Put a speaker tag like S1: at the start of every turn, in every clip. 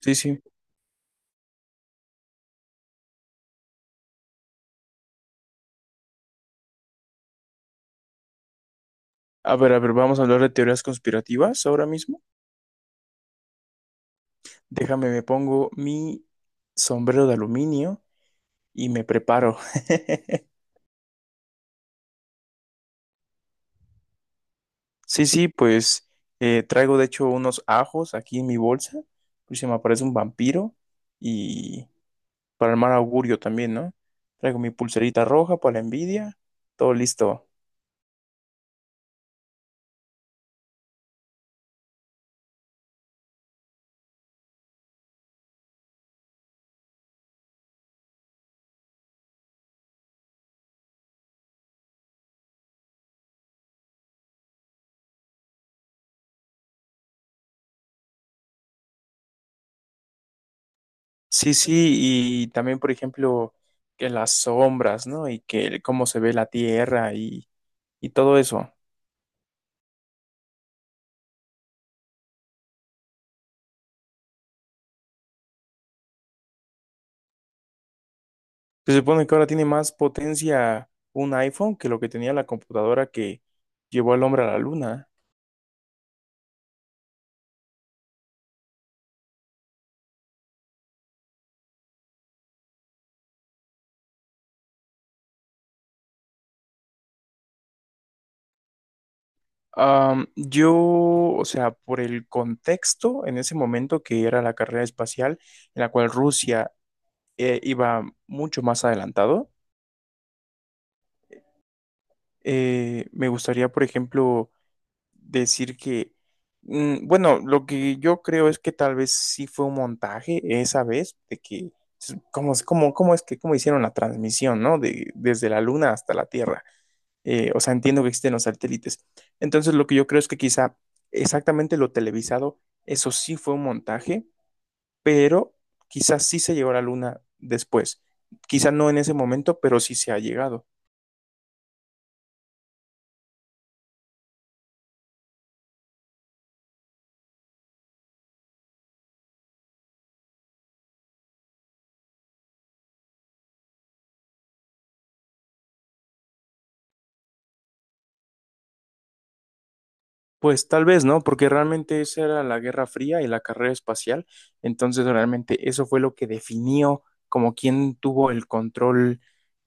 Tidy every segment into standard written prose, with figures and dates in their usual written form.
S1: Sí, sí. A ver, vamos a hablar de teorías conspirativas ahora mismo. Déjame, me pongo mi sombrero de aluminio y me preparo. Sí, sí, pues traigo de hecho unos ajos aquí en mi bolsa, pues se me aparece un vampiro y para el mal augurio también, ¿no? Traigo mi pulserita roja para la envidia, todo listo. Sí, sí, y también, por ejemplo, que las sombras, ¿no? Y que cómo se ve la tierra y todo eso. Se supone que ahora tiene más potencia un iPhone que lo que tenía la computadora que llevó al hombre a la luna. Yo, o sea, por el contexto en ese momento que era la carrera espacial, en la cual Rusia iba mucho más adelantado, me gustaría, por ejemplo, decir que, bueno, lo que yo creo es que tal vez sí fue un montaje esa vez, de que, cómo es que, cómo hicieron la transmisión, ¿no? De, desde la Luna hasta la Tierra. O sea, entiendo que existen los satélites. Entonces, lo que yo creo es que quizá exactamente lo televisado, eso sí fue un montaje, pero quizás sí se llegó a la Luna después. Quizá no en ese momento, pero sí se ha llegado. Pues tal vez, ¿no? Porque realmente esa era la Guerra Fría y la carrera espacial. Entonces, realmente eso fue lo que definió como quién tuvo el control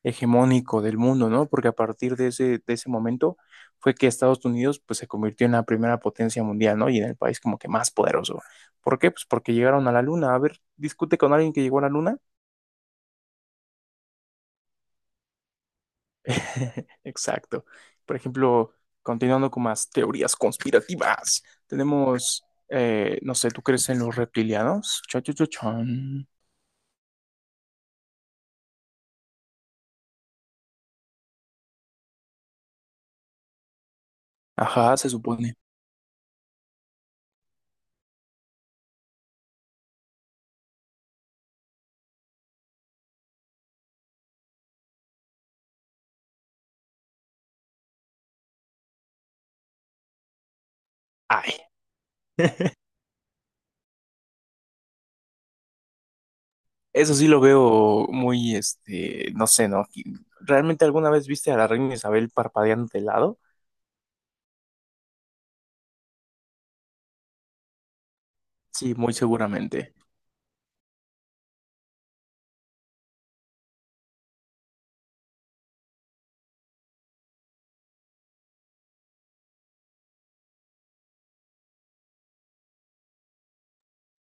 S1: hegemónico del mundo, ¿no? Porque a partir de ese momento fue que Estados Unidos pues se convirtió en la primera potencia mundial, ¿no? Y en el país como que más poderoso. ¿Por qué? Pues porque llegaron a la luna. A ver, discute con alguien que llegó a la luna. Exacto. Por ejemplo, continuando con más teorías conspirativas, tenemos, no sé, ¿tú crees en los reptilianos? Cha, cha, cha, chan. Ajá, se supone. Ay, eso sí lo veo muy, este, no sé, ¿no? ¿Realmente alguna vez viste a la reina Isabel parpadeando de lado? Sí, muy seguramente.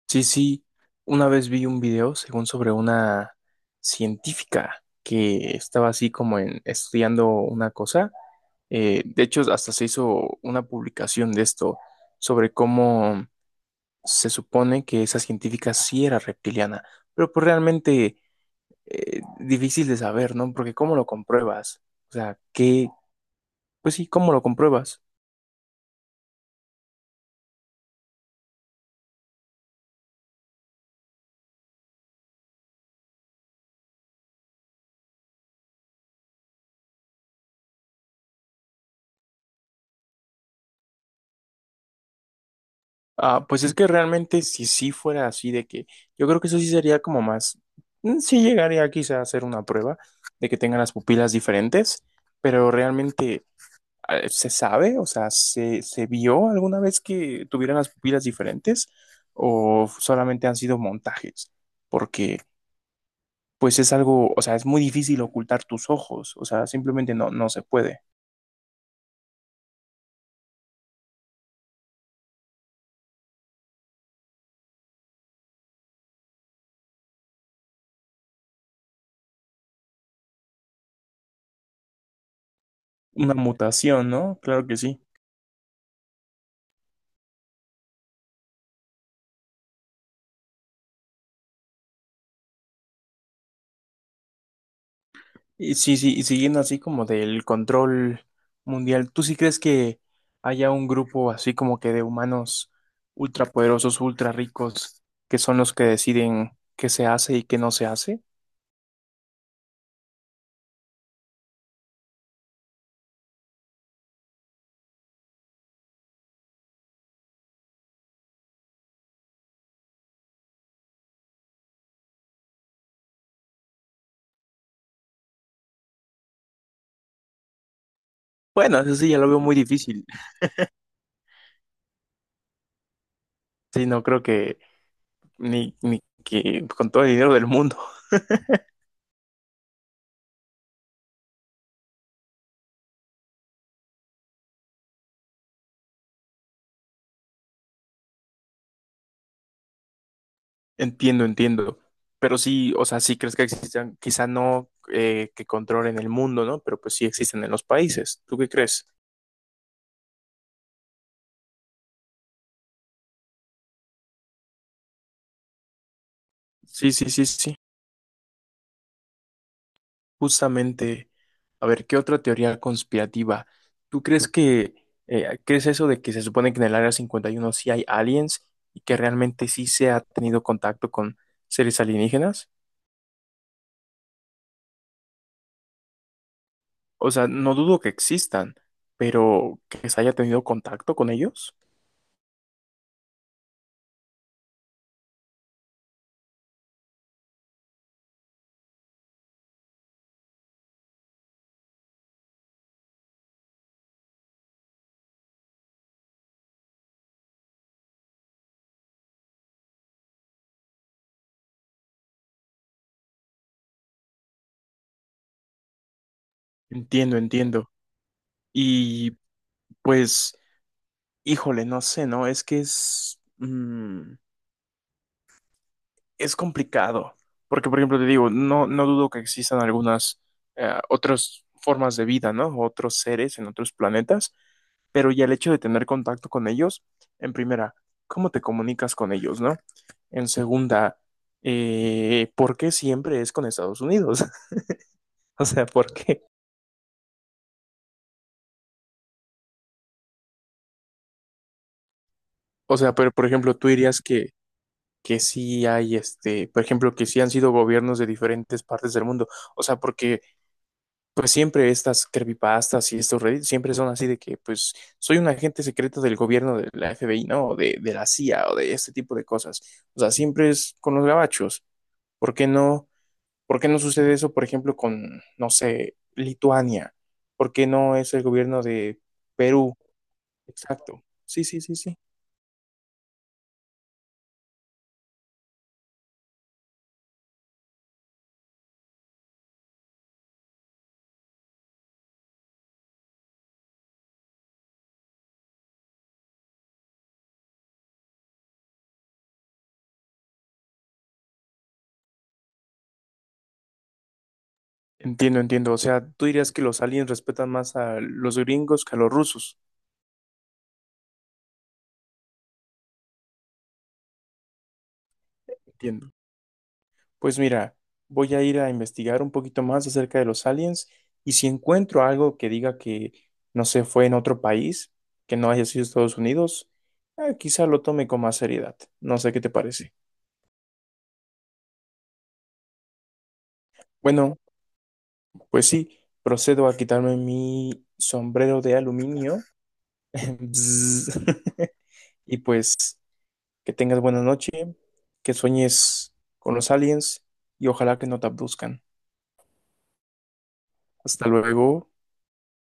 S1: Sí, sí, una vez vi un video, según sobre una científica que estaba así como en, estudiando una cosa. De hecho, hasta se hizo una publicación de esto sobre cómo se supone que esa científica sí era reptiliana, pero pues realmente difícil de saber, ¿no? Porque ¿cómo lo compruebas? O sea, ¿qué? Pues sí, ¿cómo lo compruebas? Ah, pues es que realmente si sí fuera así de que yo creo que eso sí sería como más, sí llegaría quizá a hacer una prueba de que tengan las pupilas diferentes, pero realmente. ¿Se sabe? O sea, ¿se, se vio alguna vez que tuvieran las pupilas diferentes o solamente han sido montajes? Porque pues es algo, o sea, es muy difícil ocultar tus ojos, o sea, simplemente no, no se puede. Una mutación, ¿no? Claro que sí. Y sí, sí, y siguiendo así como del control mundial, ¿tú sí crees que haya un grupo así como que de humanos ultrapoderosos, ultra ricos, que son los que deciden qué se hace y qué no se hace? Bueno, eso sí, ya lo veo muy difícil. Sí, no creo que ni, ni que con todo el dinero del mundo. Entiendo, entiendo. Pero sí, o sea, sí crees que existan, quizá no que controlen el mundo, ¿no? Pero pues sí existen en los países. ¿Tú qué crees? Sí, sí, sí, sí. Justamente, a ver, ¿qué otra teoría conspirativa? ¿Tú crees que, crees eso de que se supone que en el Área 51 sí hay aliens y que realmente sí se ha tenido contacto con seres alienígenas? O sea, no dudo que existan, pero que se haya tenido contacto con ellos. Entiendo, entiendo. Y pues, híjole, no sé, ¿no? Es que es, es complicado. Porque, por ejemplo, te digo, no, no dudo que existan algunas otras formas de vida, ¿no? Otros seres en otros planetas, pero ya el hecho de tener contacto con ellos, en primera, ¿cómo te comunicas con ellos, ¿no? En segunda, ¿por qué siempre es con Estados Unidos? O sea, ¿por qué? O sea, pero por ejemplo, tú dirías que sí hay, este, por ejemplo, que sí han sido gobiernos de diferentes partes del mundo. O sea, porque pues siempre estas creepypastas y estos reddits siempre son así de que pues soy un agente secreto del gobierno de la FBI, ¿no? O de la CIA o de este tipo de cosas. O sea, siempre es con los gabachos. ¿Por qué no? ¿Por qué no sucede eso, por ejemplo, con, no sé, Lituania? ¿Por qué no es el gobierno de Perú? Exacto. Sí, sí, sí, sí. Entiendo, entiendo. O sea, tú dirías que los aliens respetan más a los gringos que a los rusos. Entiendo. Pues mira, voy a ir a investigar un poquito más acerca de los aliens y si encuentro algo que diga que no se fue en otro país, que no haya sido Estados Unidos, quizá lo tome con más seriedad. No sé qué te parece. Bueno, pues sí, procedo a quitarme mi sombrero de aluminio. Bzz. Y pues que tengas buena noche, que sueñes con los aliens y ojalá que no te abduzcan. Hasta luego.